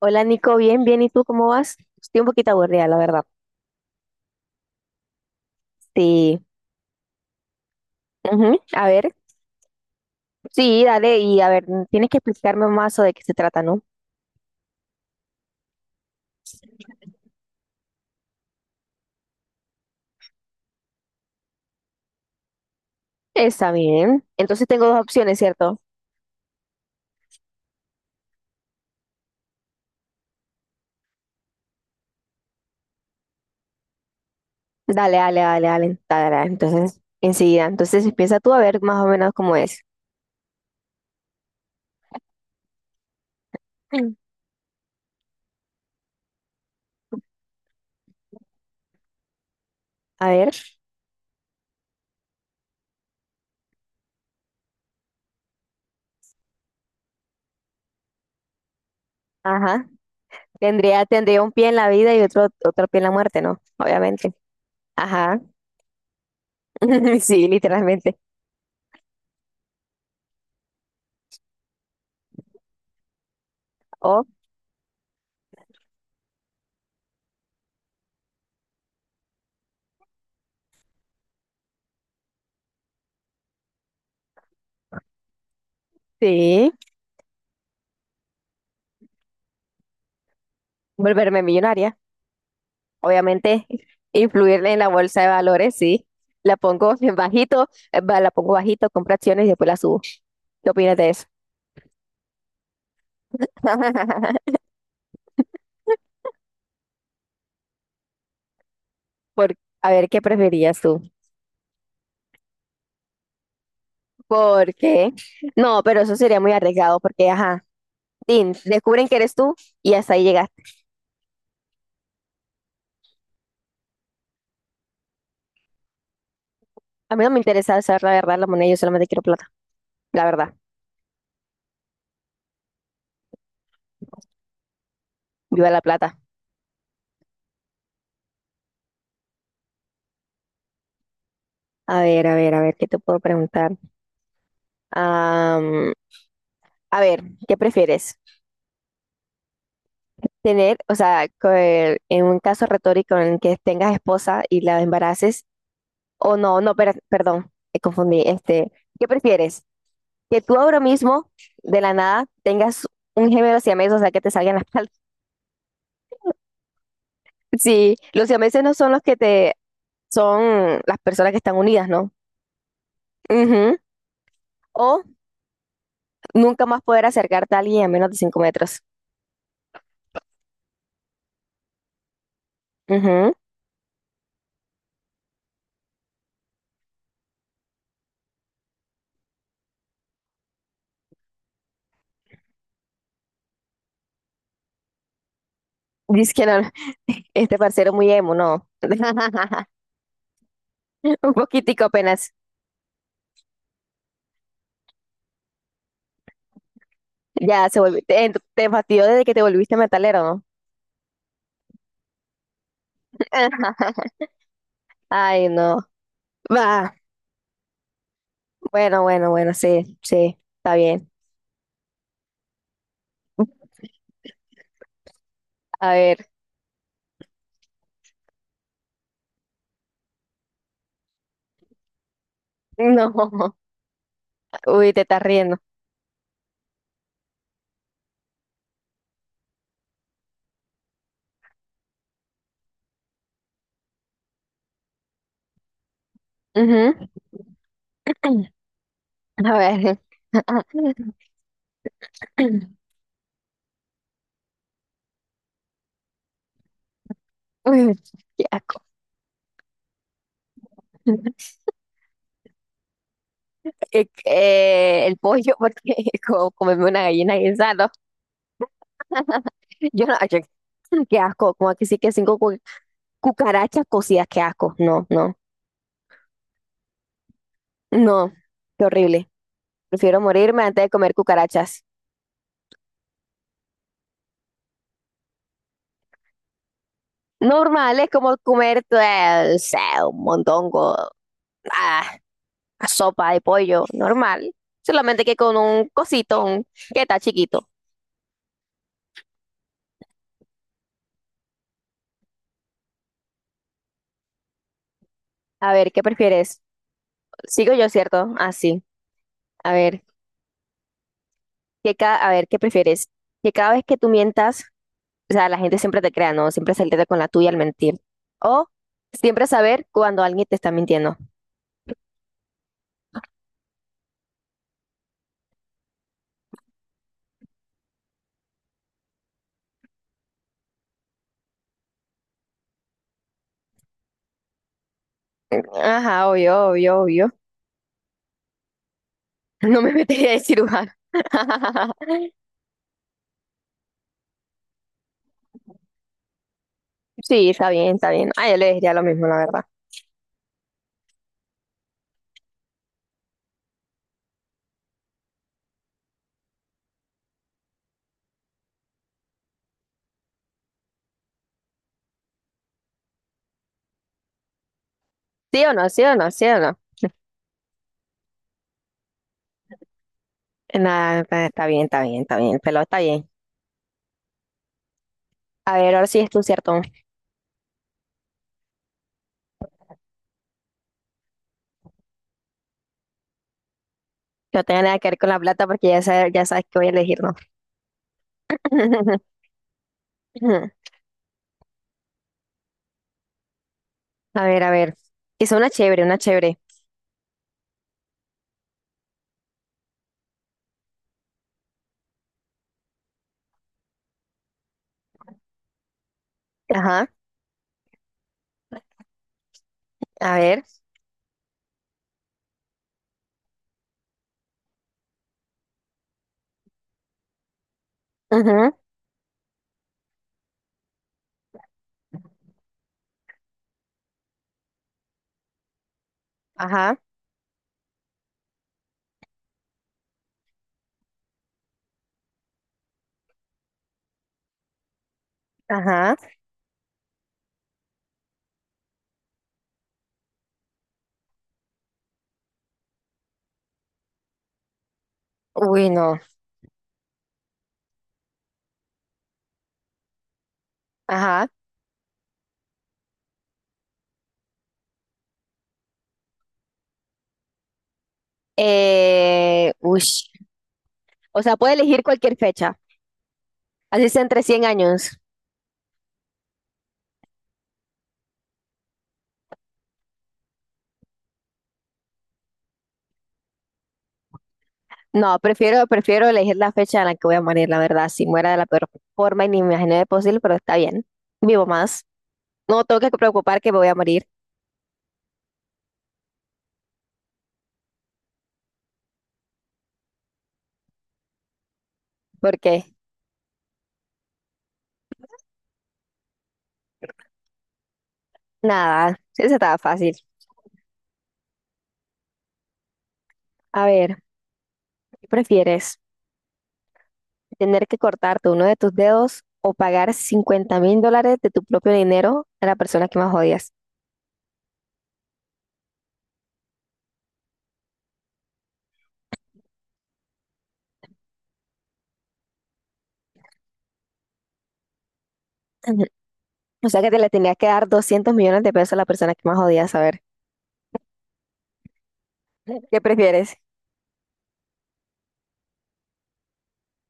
Hola Nico, bien, bien, ¿y tú cómo vas? Estoy un poquito aburrida, la verdad. Sí, ujú. A ver, sí, dale, y a ver, tienes que explicarme más o de qué se trata, ¿no? Está bien. Entonces tengo dos opciones, ¿cierto? Dale, dale, dale, dale, dale, dale. Entonces, enseguida. Entonces empieza tú a ver más o menos cómo es. Mm. A ver, ajá. Tendría, tendría un pie en la vida y otro, otro pie en la muerte, ¿no? Obviamente. Ajá. Sí, literalmente. O, sí, volverme millonaria. Obviamente influir en la bolsa de valores, sí. La pongo en bajito, la pongo bajito, compro acciones y después la subo. ¿Qué opinas de eso? Por, a ver, ¿qué preferías tú? Porque, no, pero eso sería muy arriesgado porque, ajá, tin, descubren que eres tú y hasta ahí llegaste. A mí no me interesa saber la verdad, la moneda, yo solamente quiero plata, la verdad. Viva la plata. A ver, a ver, a ver, ¿qué te puedo preguntar? Am, a ver, ¿qué prefieres? Tener, o sea, en un caso retórico en el que tengas esposa y la embaraces, o no, no, perdón, me confundí, este, ¿qué prefieres? Que tú ahora mismo, de la nada, tengas un gemelo siamés, o sea, que te salgan las palmas. Sí, los siameses no son los que te, son las personas que están unidas, ¿no? Ujú. O nunca más poder acercarte a alguien a menos de 5 metros. Ujú. Dice que no, este parcero muy emo, no. Un poquitico apenas. Ya se volvió. Te fastidió desde que te volviste metalero, ¿no? Ay, no. Va. Bueno, bueno, bueno, sí, sí, está bien. A ver. No. Uy, te estás riendo. Ujú. A ver. Uy, qué asco. El pollo, porque como comerme una gallina guisada, ¿no? Yo no, yo- qué asco, como que sí que cucarachas cocidas, qué asco. No, no, no, qué horrible. Prefiero morirme antes de comer cucarachas. Normales como comer pues, o sea, un mondongo, ah, a sopa de pollo, normal. Solamente que con un cosito que está chiquito. A ver, ¿qué prefieres? Sigo yo, ¿cierto? Así. A ver, a ver, ¿qué prefieres? Que cada vez que tú mientas, o sea, la gente siempre te crea, ¿no? Siempre salirte con la tuya al mentir. O siempre saber cuando alguien te está mintiendo. Ajá, obvio, obvio, obvio. No me metería de cirujano. Sí, está bien, está bien. Ah, yo le diría lo mismo, la verdad. ¿Sí o no? ¿Sí o no? ¿Sí o no? Nada, está está bien, está bien, está bien. Pero está bien. A ver, ahora sí es tú, ¿cierto? No tenga nada que ver con la plata porque ya sabes que voy a elegir, ¿no? A ver, a ver. Es una chévere, una chévere. Ajá, a ver. Ujú. Ajá, ajá. Uy, no. Ajá. Uy. O sea, puede elegir cualquier fecha. Así sea entre 100 años. No, prefiero, prefiero elegir la fecha en la que voy a morir, la verdad. Si muera de la peor forma y ni me imaginé posible, pero está bien. Vivo más. No tengo que preocupar que me voy a morir, porque nada, sí, eso estaba fácil. A ver, ¿qué prefieres? ¿Tener que cortarte uno de tus dedos o pagar $50.000 de tu propio dinero a la persona que más odias? Ujú. O sea que te le tenías que dar 200 millones de pesos a la persona que más odias. A ver, ¿qué prefieres?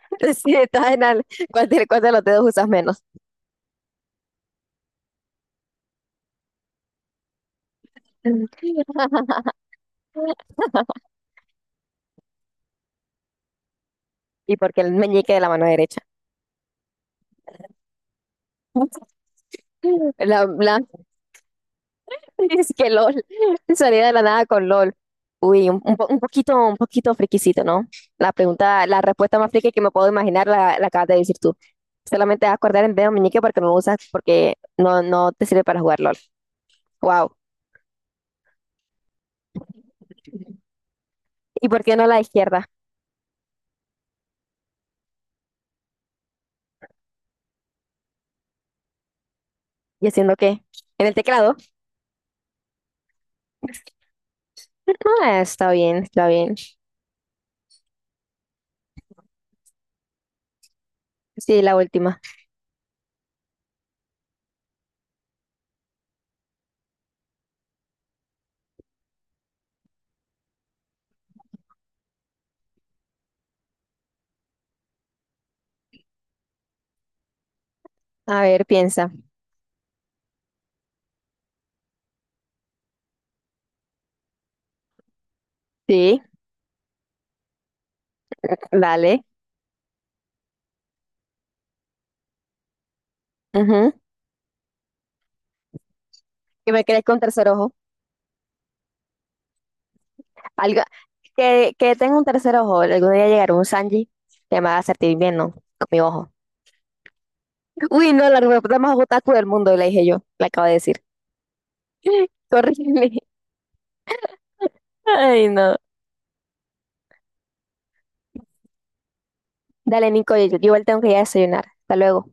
Si estás en al- cuál de los dedos usas menos? Y porque el meñique de la mano derecha. La, la- es que LOL. Salía de la nada con LOL. Uy, un poquito friquisito, ¿no? La pregunta, la respuesta más friki que me puedo imaginar la acabas de decir tú. Solamente vas a acordar el dedo meñique porque no lo usas, porque no, no te sirve para jugar LOL. Wow. ¿Y por qué no la izquierda? ¿Y haciendo qué? ¿En el teclado? Ah, está bien, está bien. Sí, la última. A ver, piensa. Sí, dale. Ujú. ¿Qué me crees con tercer ojo? Algo, que tenga un tercer ojo. Algún día llegará un Sanji que me va a hacer bien, ¿no? Con mi ojo. Uy, no, la respuesta más otaku del mundo, le dije yo. Le acabo de decir. Corrígeme. Ay, no. Dale, Nico, yo igual tengo que ir a desayunar. Hasta luego.